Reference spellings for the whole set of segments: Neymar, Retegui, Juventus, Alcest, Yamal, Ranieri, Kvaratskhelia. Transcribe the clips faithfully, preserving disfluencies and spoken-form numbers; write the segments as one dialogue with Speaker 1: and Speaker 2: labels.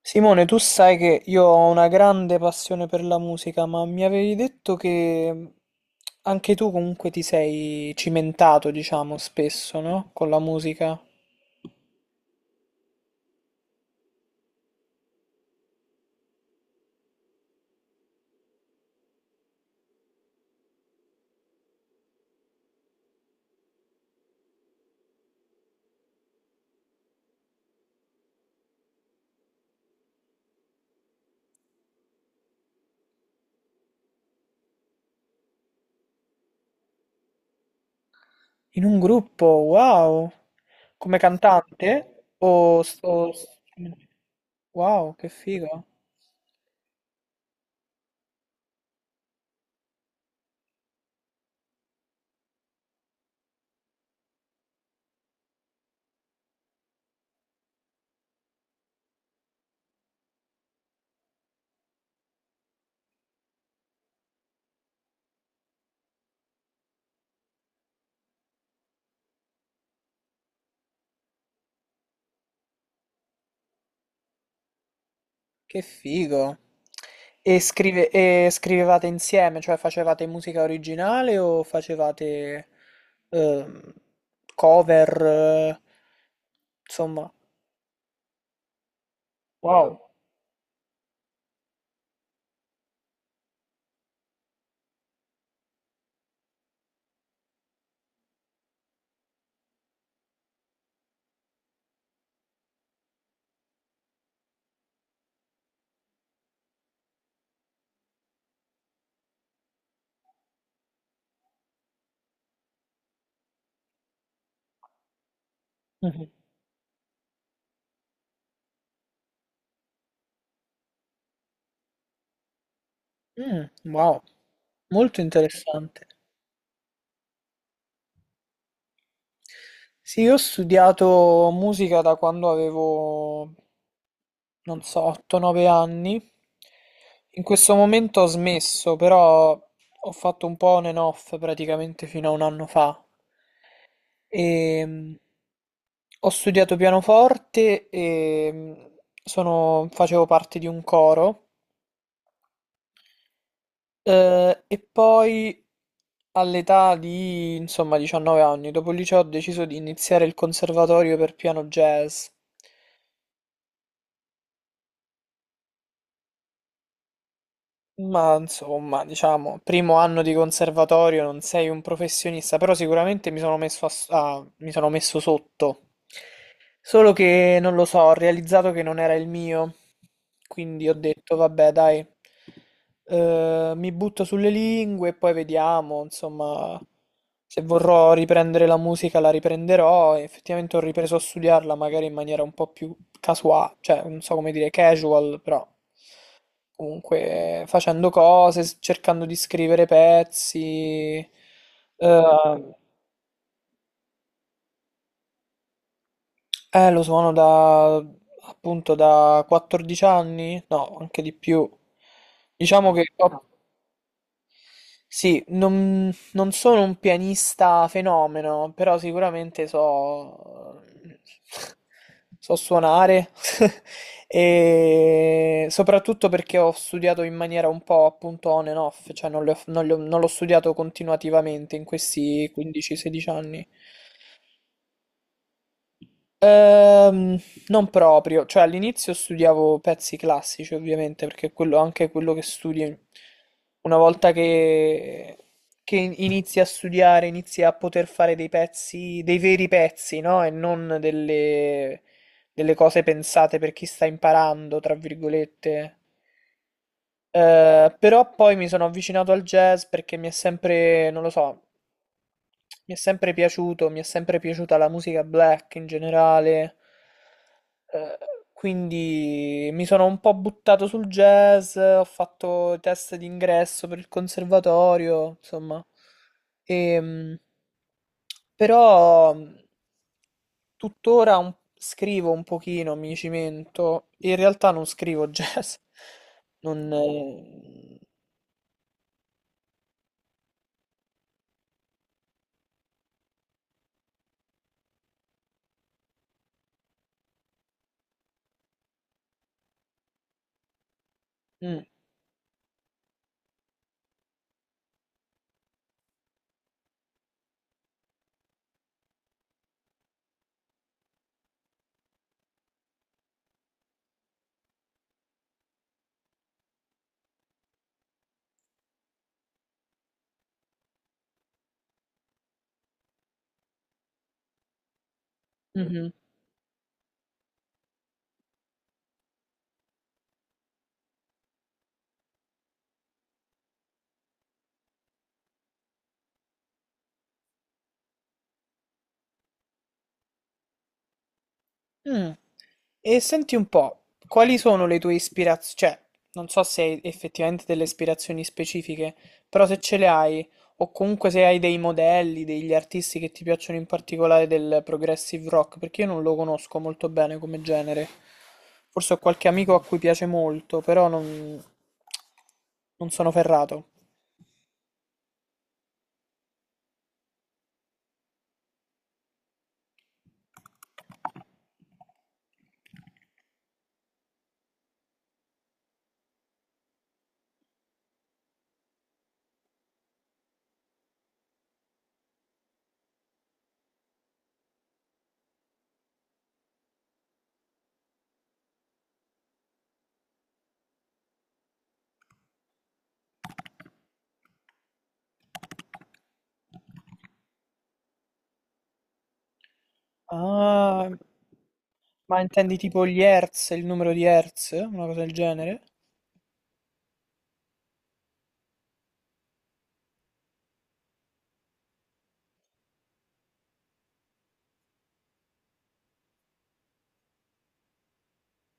Speaker 1: Simone, tu sai che io ho una grande passione per la musica, ma mi avevi detto che mm, anche tu comunque ti sei cimentato, diciamo, spesso, no? Con la musica. In un gruppo, wow! Come cantante? O, o... Wow, che figo! Che figo. E, scrive- e scrivevate insieme, cioè facevate musica originale o facevate ehm, cover, eh, insomma. Wow. Mhm. Mm, wow, molto interessante. Sì, io ho studiato musica da quando avevo, non so, otto nove anni. In questo momento ho smesso, però ho fatto un po' on and off praticamente fino a un anno fa. E mh, ho studiato pianoforte e mh, sono- facevo parte di un coro. Eh, e poi all'età di, insomma, diciannove anni, dopo il liceo ho deciso di iniziare il conservatorio per piano jazz. Ma insomma, diciamo, primo anno di conservatorio, non sei un professionista, però sicuramente mi sono messo, a s- a- mi sono messo sotto. Solo che non lo so, ho realizzato che non era il mio, quindi ho detto, vabbè, dai, eh, mi butto sulle lingue e poi vediamo, insomma, se vorrò riprendere la musica la riprenderò. E effettivamente ho ripreso a studiarla magari in maniera un po' più casuale, cioè non so come dire, casual, però. Comunque facendo cose, s- cercando di scrivere pezzi. Eh, eh, lo suono da appunto da quattordici anni? No, anche di più. Diciamo che ho... Sì, non, non sono un pianista fenomeno, però sicuramente so, so suonare e soprattutto perché ho studiato in maniera un po' appunto on and off, cioè non le ho- non le ho- non l'ho studiato continuativamente in questi quindici sedici anni. Ehm, non proprio, cioè all'inizio studiavo pezzi classici ovviamente perché è quello, anche quello che studi una volta che, che in- inizi a studiare, inizi a poter fare dei pezzi, dei veri pezzi, no? E non delle, delle cose pensate per chi sta imparando, tra virgolette. Eh, però poi mi sono avvicinato al jazz perché mi è sempre, non lo so, mi è sempre piaciuto, mi è sempre piaciuta la musica black in generale. Eh, quindi mi sono un po' buttato sul jazz, ho fatto test d'ingresso per il conservatorio, insomma. Ehm, però tuttora un- scrivo un pochino, mi cimento. In realtà non scrivo jazz, Non... eh, mm, mhm, mm. E senti un po', quali sono le tue ispirazioni? Cioè, non so se hai effettivamente delle ispirazioni specifiche, però se ce le hai, o comunque se hai dei modelli, degli artisti che ti piacciono in particolare del progressive rock, perché io non lo conosco molto bene come genere. Forse ho qualche amico a cui piace molto, però non, non sono ferrato. Ah, ma intendi tipo gli hertz, il numero di hertz, una cosa del genere?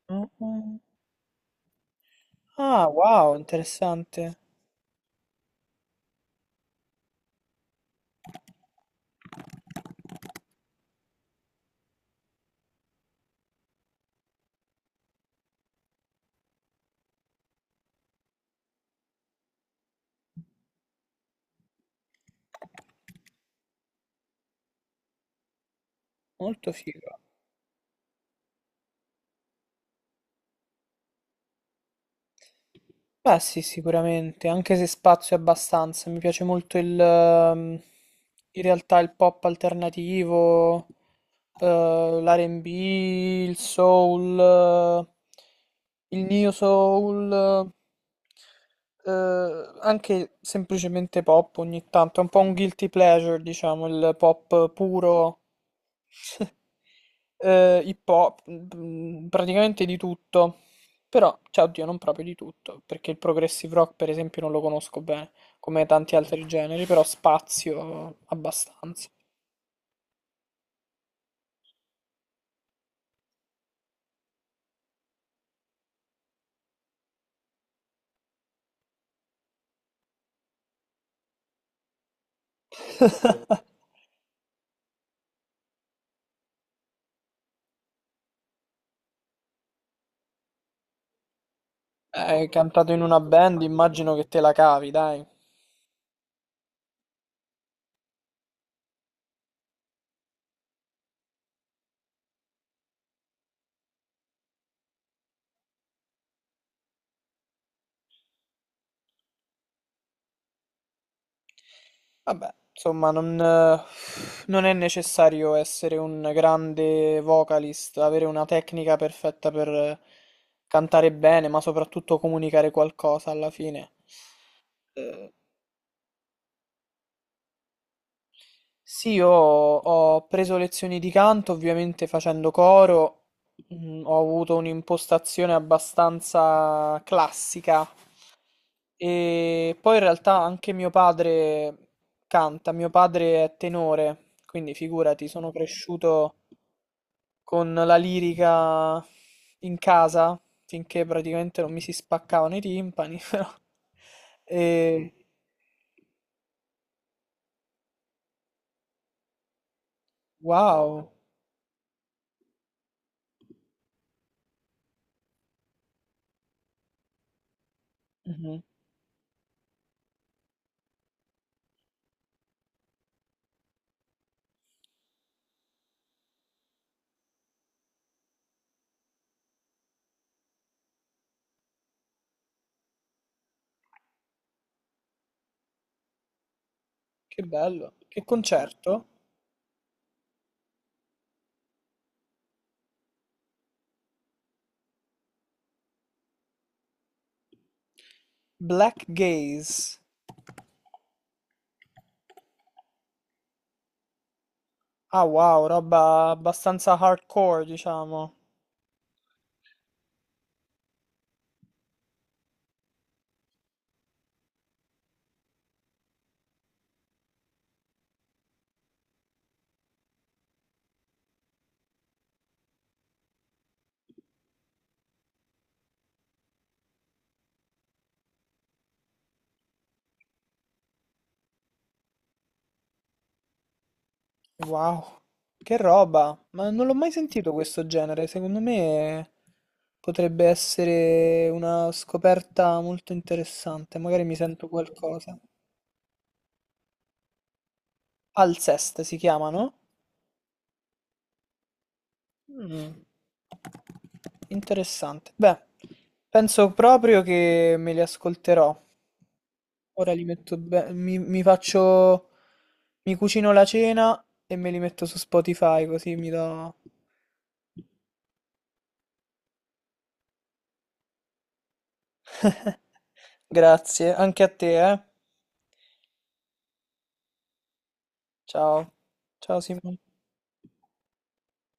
Speaker 1: Ah, ah, ah, wow, interessante. Molto figo. Beh, sì, sicuramente, anche se spazio è abbastanza. Mi piace molto il, ehm, in realtà il pop alternativo, eh, l'R and B, il soul, eh, il neo soul, eh, anche semplicemente pop ogni tanto. È un po' un guilty pleasure, diciamo, il pop puro eh, hip hop, mm, mm, praticamente di tutto. Però, cioè, oddio, non proprio di tutto, perché il progressive rock, per esempio, non lo conosco bene, come tanti altri generi, però spazio abbastanza. Eh, cantato in una band, immagino che te la cavi, dai. Vabbè, insomma, non, eh, non è necessario essere un grande vocalist, avere una tecnica perfetta per eh, cantare bene, ma soprattutto comunicare qualcosa alla fine. Eh, Sì, io ho preso lezioni di canto, ovviamente facendo coro, mm, ho avuto un'impostazione abbastanza classica e poi in realtà anche mio padre canta, mio padre è tenore, quindi figurati, sono cresciuto con la lirica in casa finché praticamente non mi si spaccavano i timpani, però... E... Wow, mhm. Che bello, che concerto! Black Gaze. Ah wow, roba abbastanza hardcore, diciamo. Wow, che roba. Ma non l'ho mai sentito questo genere. Secondo me potrebbe essere una scoperta molto interessante. Magari mi sento qualcosa. Alcest si chiamano? Mm, interessante. Beh, penso proprio che me li ascolterò. Ora li metto be- mi, mi faccio, mi cucino la cena e me li metto su Spotify così mi do... Grazie, anche a te, eh. Ciao. Ciao Simone.